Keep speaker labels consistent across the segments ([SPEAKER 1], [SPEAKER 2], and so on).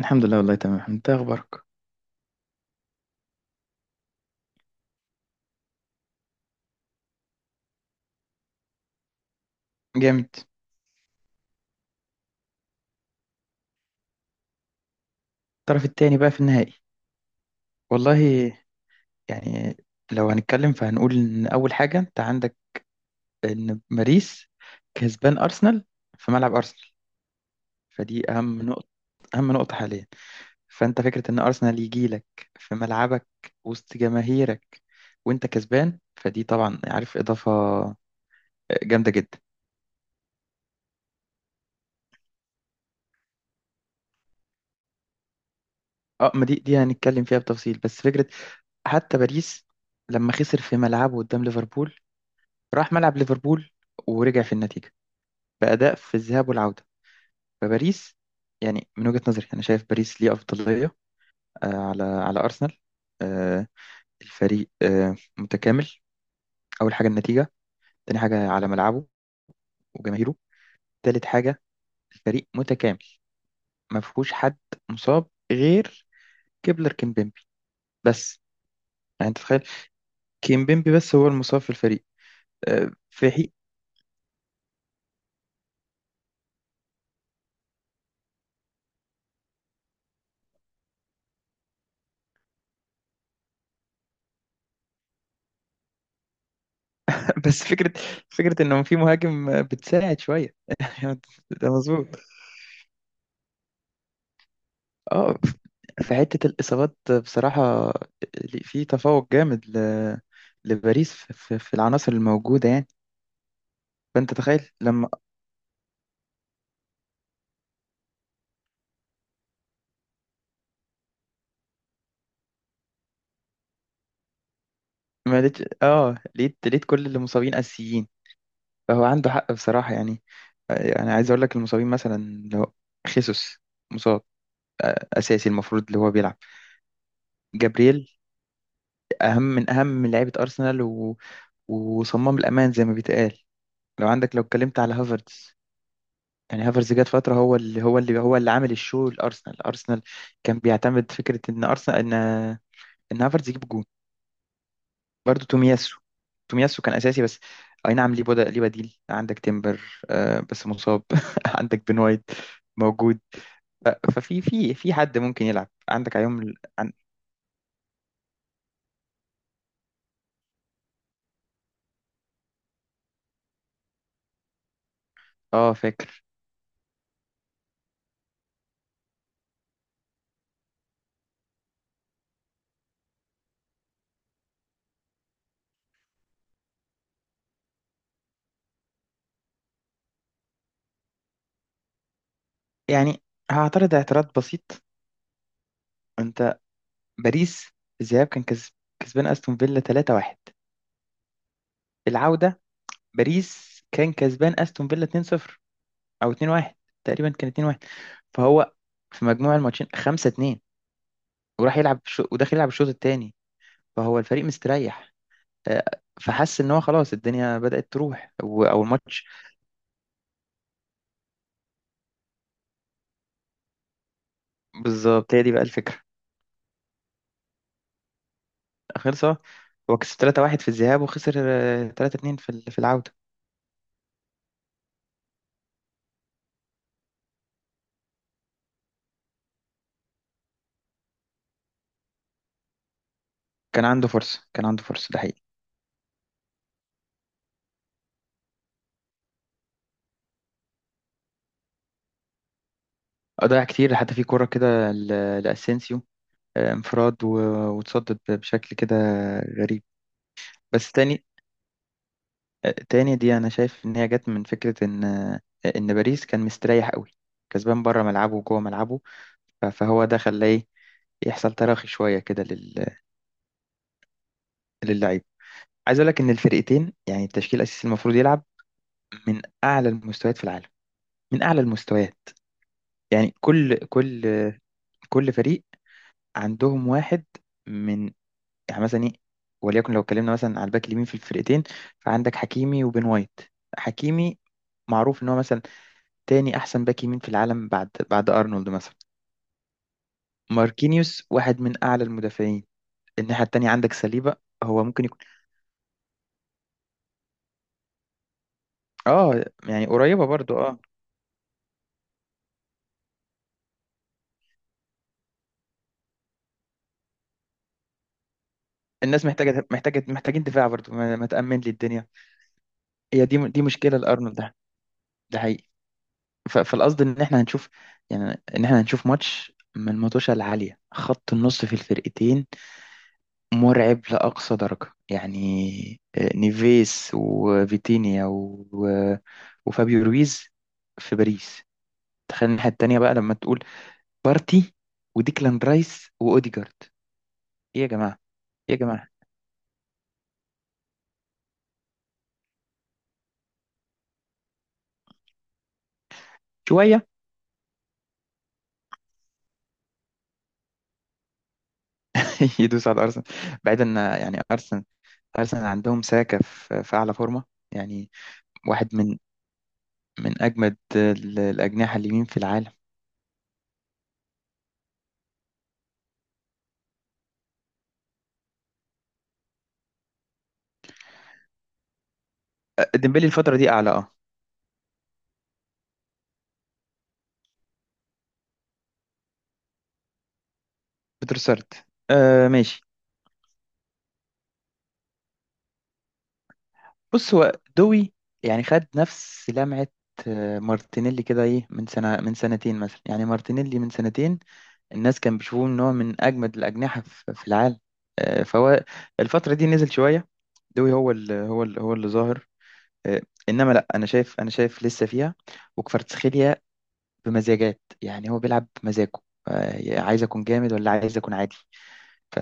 [SPEAKER 1] الحمد لله، والله تمام. انت اخبارك؟ جامد. الطرف التاني بقى في النهائي. والله، يعني لو هنتكلم فهنقول ان اول حاجه انت عندك ان باريس كسبان ارسنال في ملعب ارسنال، فدي اهم نقطه. اهم نقطه حاليا. فانت فكره ان ارسنال يجي لك في ملعبك وسط جماهيرك وانت كسبان، فدي طبعا عارف اضافه جامده جدا. اه، ما دي هنتكلم فيها بتفصيل. بس فكره، حتى باريس لما خسر في ملعبه قدام ليفربول، راح ملعب ليفربول ورجع في النتيجة بأداء في الذهاب والعودة. فباريس، يعني من وجهة نظري أنا شايف باريس ليه أفضلية على أرسنال. آه، الفريق متكامل. أول حاجة النتيجة، تاني حاجة على ملعبه وجماهيره، تالت حاجة الفريق متكامل ما فيهوش حد مصاب غير كيبلر كيمبيمبي بس. يعني أنت تتخيل، كيمبيمبي بس هو المصاب في الفريق، في حين بس فكرة، فكرة إنه في مهاجم بتساعد شوية. ده مظبوط. اه، في حتة الإصابات بصراحة في تفوق جامد ل... لباريس في العناصر الموجودة يعني. فأنت تخيل لما ما لقيت، اه لقيت كل اللي مصابين أساسيين، فهو عنده حق بصراحة يعني. يعني عايز أقول لك المصابين مثلا، لو خيسوس مصاب أساسي المفروض اللي هو بيلعب. جابرييل أهم من أهم لعيبة أرسنال و... وصمام الأمان زي ما بيتقال. لو عندك، لو اتكلمت على هافرتز يعني، هافرز جات فترة هو اللي هو عامل الشو لأرسنال. أرسنال كان بيعتمد فكرة إن أرسنال إن إن هافرز يجيب جون. برضه تومياسو، تومياسو كان أساسي بس أي نعم. ليه بديل، عندك تيمبر آه بس مصاب. عندك بن وايت موجود. ف- ففي في حد ممكن يلعب، عندك عيوم اه فاكر. يعني هعترض اعتراض بسيط. انت باريس الذهاب كان كسب، كسبان استون فيلا 3-1. العودة باريس كان كسبان استون فيلا 2-0 او 2-1، تقريبا كان 2-1. فهو في مجموع الماتشين 5-2 وراح وداخل يلعب الشوط الثاني، فهو الفريق مستريح. آه، فحس ان هو خلاص الدنيا بدأت تروح او الماتش. بالظبط هي دي بقى الفكرة. خلص أهو. هو كسب 3-1 في الذهاب وخسر 3-2 في العودة. كان عنده فرصة، كان عنده فرصة، ده حقيقي. ضيع كتير حتى في كرة كده ل- لأسينسيو، انفراد و... وتصدد بشكل كده غريب. بس تاني، دي انا شايف ان هي جت من فكره ان باريس كان مستريح قوي، كسبان بره ملعبه وجوه ملعبه. ف- فهو ده خلاه إيه؟ يحصل تراخي شويه كده لل... للعيب. عايز اقول لك ان الفرقتين يعني التشكيل الاساسي المفروض يلعب من اعلى المستويات في العالم، من اعلى المستويات. يعني كل كل فريق عندهم واحد من، يعني مثلا ايه، وليكن لو اتكلمنا مثلا على الباك اليمين في الفرقتين، فعندك حكيمي وبن وايت. حكيمي معروف ان هو مثلا تاني أحسن باك يمين في العالم بعد أرنولد مثلا. ماركينيوس واحد من أعلى المدافعين. الناحية التانية عندك سليبة، هو ممكن يكون آه، يعني قريبة برضو آه. الناس محتاجة، محتاجين دفاع برضو، ما ما تأمن لي الدنيا. هي دي مشكلة لأرنولد ده، ده حقيقي. ف- فالقصد إن إحنا هنشوف، يعني إن إحنا هنشوف ماتش من المطوشة العالية. خط النص في الفرقتين مرعب لأقصى درجة يعني. نيفيس وفيتينيا و... و- وفابيو رويز في باريس. تخيل الناحية التانية بقى لما تقول بارتي وديكلان رايس وأوديجارد. إيه يا جماعة، إيه يا جماعة. شوية يدوس على أرسنال. بعيدا إن يعني أرسنال، أرسنال عندهم ساكا في في أعلى فورمة يعني، واحد من أجمد الأجنحة اليمين في العالم. أه، ديمبلي الفترة دي أعلى أه. بتروسارد أه، ماشي. بص هو دوي يعني خد نفس لمعة مارتينيلي كده إيه من سنة، من سنتين مثلا. يعني مارتينيلي من سنتين الناس كان بيشوفوه ان هو من اجمد الاجنحه في في العالم. فهو الفتره دي نزل شويه. دوي هو اللي ظاهر. آه، انما لا انا شايف، لسه فيها. وكفاراتسخيليا بمزاجات، يعني هو بيلعب بمزاجه. عايز اكون جامد ولا عايز اكون عادي. ف،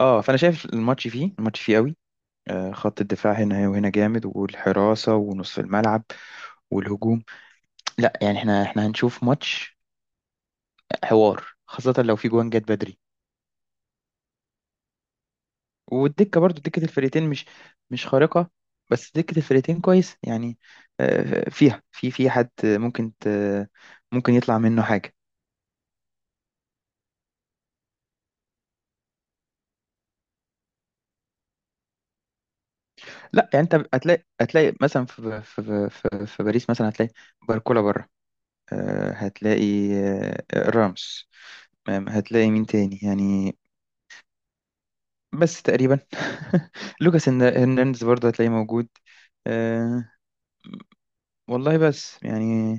[SPEAKER 1] اه فانا شايف الماتش فيه، الماتش فيه قوي. خط الدفاع هنا وهنا جامد، والحراسه ونصف الملعب والهجوم. لا يعني احنا، احنا هنشوف ماتش حوار، خاصه لو في جوان جت بدري. والدكة برضو، دكة الفرقتين مش خارقة، بس دكة الفرقتين كويس يعني. فيها، في حد ممكن يطلع منه حاجة. لا يعني انت، هتلاقي مثلا في في باريس مثلا هتلاقي باركولا بره، هتلاقي رامس، هتلاقي مين تاني يعني. بس تقريبا لوكاس هرنانديز برضه هتلاقيه موجود. آه، والله بس يعني،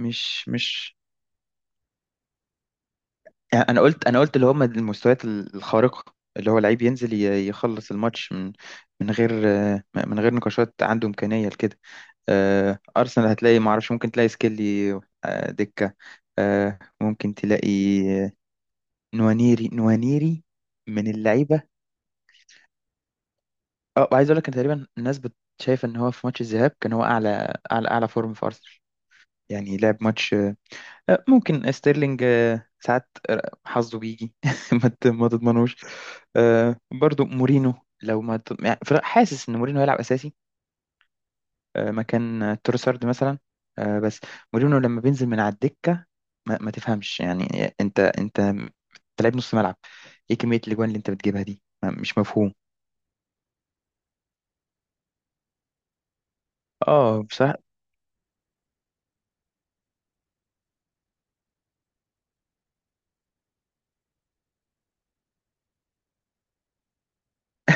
[SPEAKER 1] مش يعني انا قلت، اللي هم المستويات الخارقه، اللي هو لعيب ينزل يخلص الماتش من غير من غير نقاشات، عنده امكانيه لكده. ارسنال هتلاقي، ما اعرفش، ممكن تلاقي سكيلي، دكه، ممكن تلاقي آه، نوانيري. من اللعيبه. اه عايز اقول لك إن تقريبا الناس شايفه ان هو في ماتش الذهاب كان هو اعلى فورم في ارسنال. يعني لعب ماتش. ممكن ستيرلينج ساعات حظه بيجي، ما تضمنوش. برضو مورينو، لو ما ت- يعني حاسس ان مورينو هيلعب اساسي مكان تروسارد مثلا. بس مورينو لما بينزل من على الدكه، ما ما تفهمش يعني. انت لعيب نص ملعب، ايه كميه الاجوان اللي انت بتجيبها دي، مش مفهوم. اه بصراحه.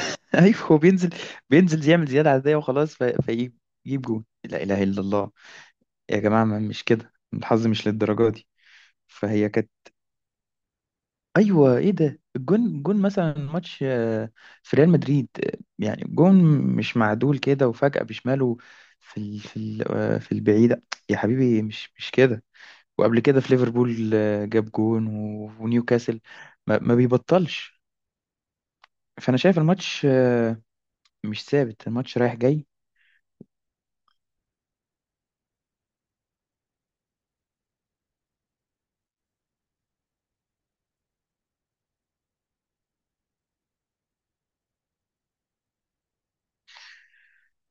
[SPEAKER 1] ايوه هو بينزل، بينزل يعمل زياده عاديه وخلاص في- فيجيب، يجيب جون، لا اله الا الله. يا جماعه ما مش كده، الحظ مش للدرجه دي. فهي كانت، ايوه ايه ده، الجون، جون مثلا ماتش في ريال مدريد، يعني جون مش معدول كده وفجأة بشماله في ال في ال في البعيدة. يا حبيبي مش كده. وقبل كده في ليفربول جاب جون و- ونيوكاسل، ما ما بيبطلش. فانا شايف الماتش مش ثابت، الماتش رايح جاي.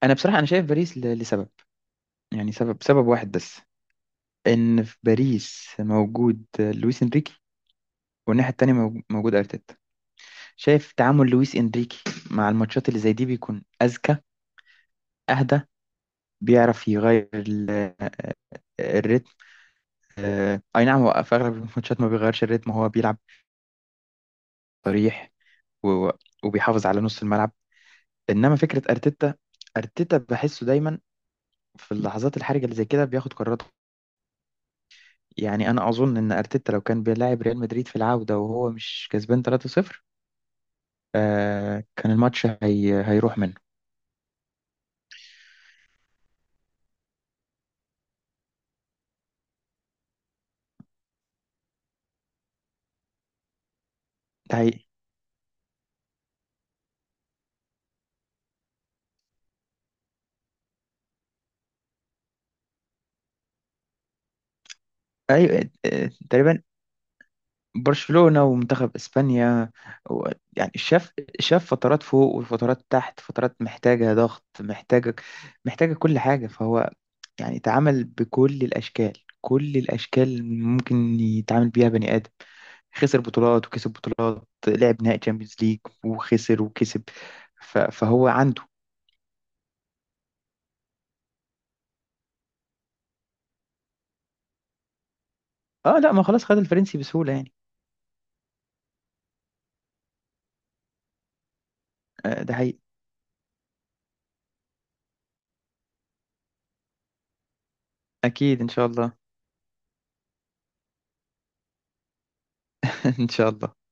[SPEAKER 1] انا بصراحة، انا شايف باريس لسبب يعني، سبب واحد بس، ان في باريس موجود لويس انريكي، والناحية التانية موجود ارتيتا. شايف تعامل لويس إنريكي مع الماتشات اللي زي دي بيكون أذكى، أهدى، بيعرف يغير الريتم. أي نعم هو في أغلب الماتشات ما بيغيرش الريتم، هو بيلعب صريح و- وبيحافظ على نص الملعب. إنما فكرة أرتيتا، أرتيتا بحسه دايما في اللحظات الحرجة اللي زي كده بياخد قراراته. يعني أنا أظن إن أرتيتا لو كان بيلاعب ريال مدريد في العودة وهو مش كسبان 3-0، كان الماتش هيروح منه. ده هي... أيوة تقريبا. برشلونة ومنتخب اسبانيا و- يعني شاف، شاف فترات فوق وفترات تحت، فترات محتاجة ضغط، محتاجة كل حاجة. فهو يعني تعامل بكل الاشكال، كل الاشكال اللي ممكن يتعامل بيها بني ادم. خسر بطولات وكسب بطولات، لعب نهائي تشامبيونز ليج وخسر وكسب. ف- فهو عنده، اه لا ما خلاص، خد الفرنسي بسهولة يعني. ده حقيقي. اكيد ان شاء الله. ان شاء الله.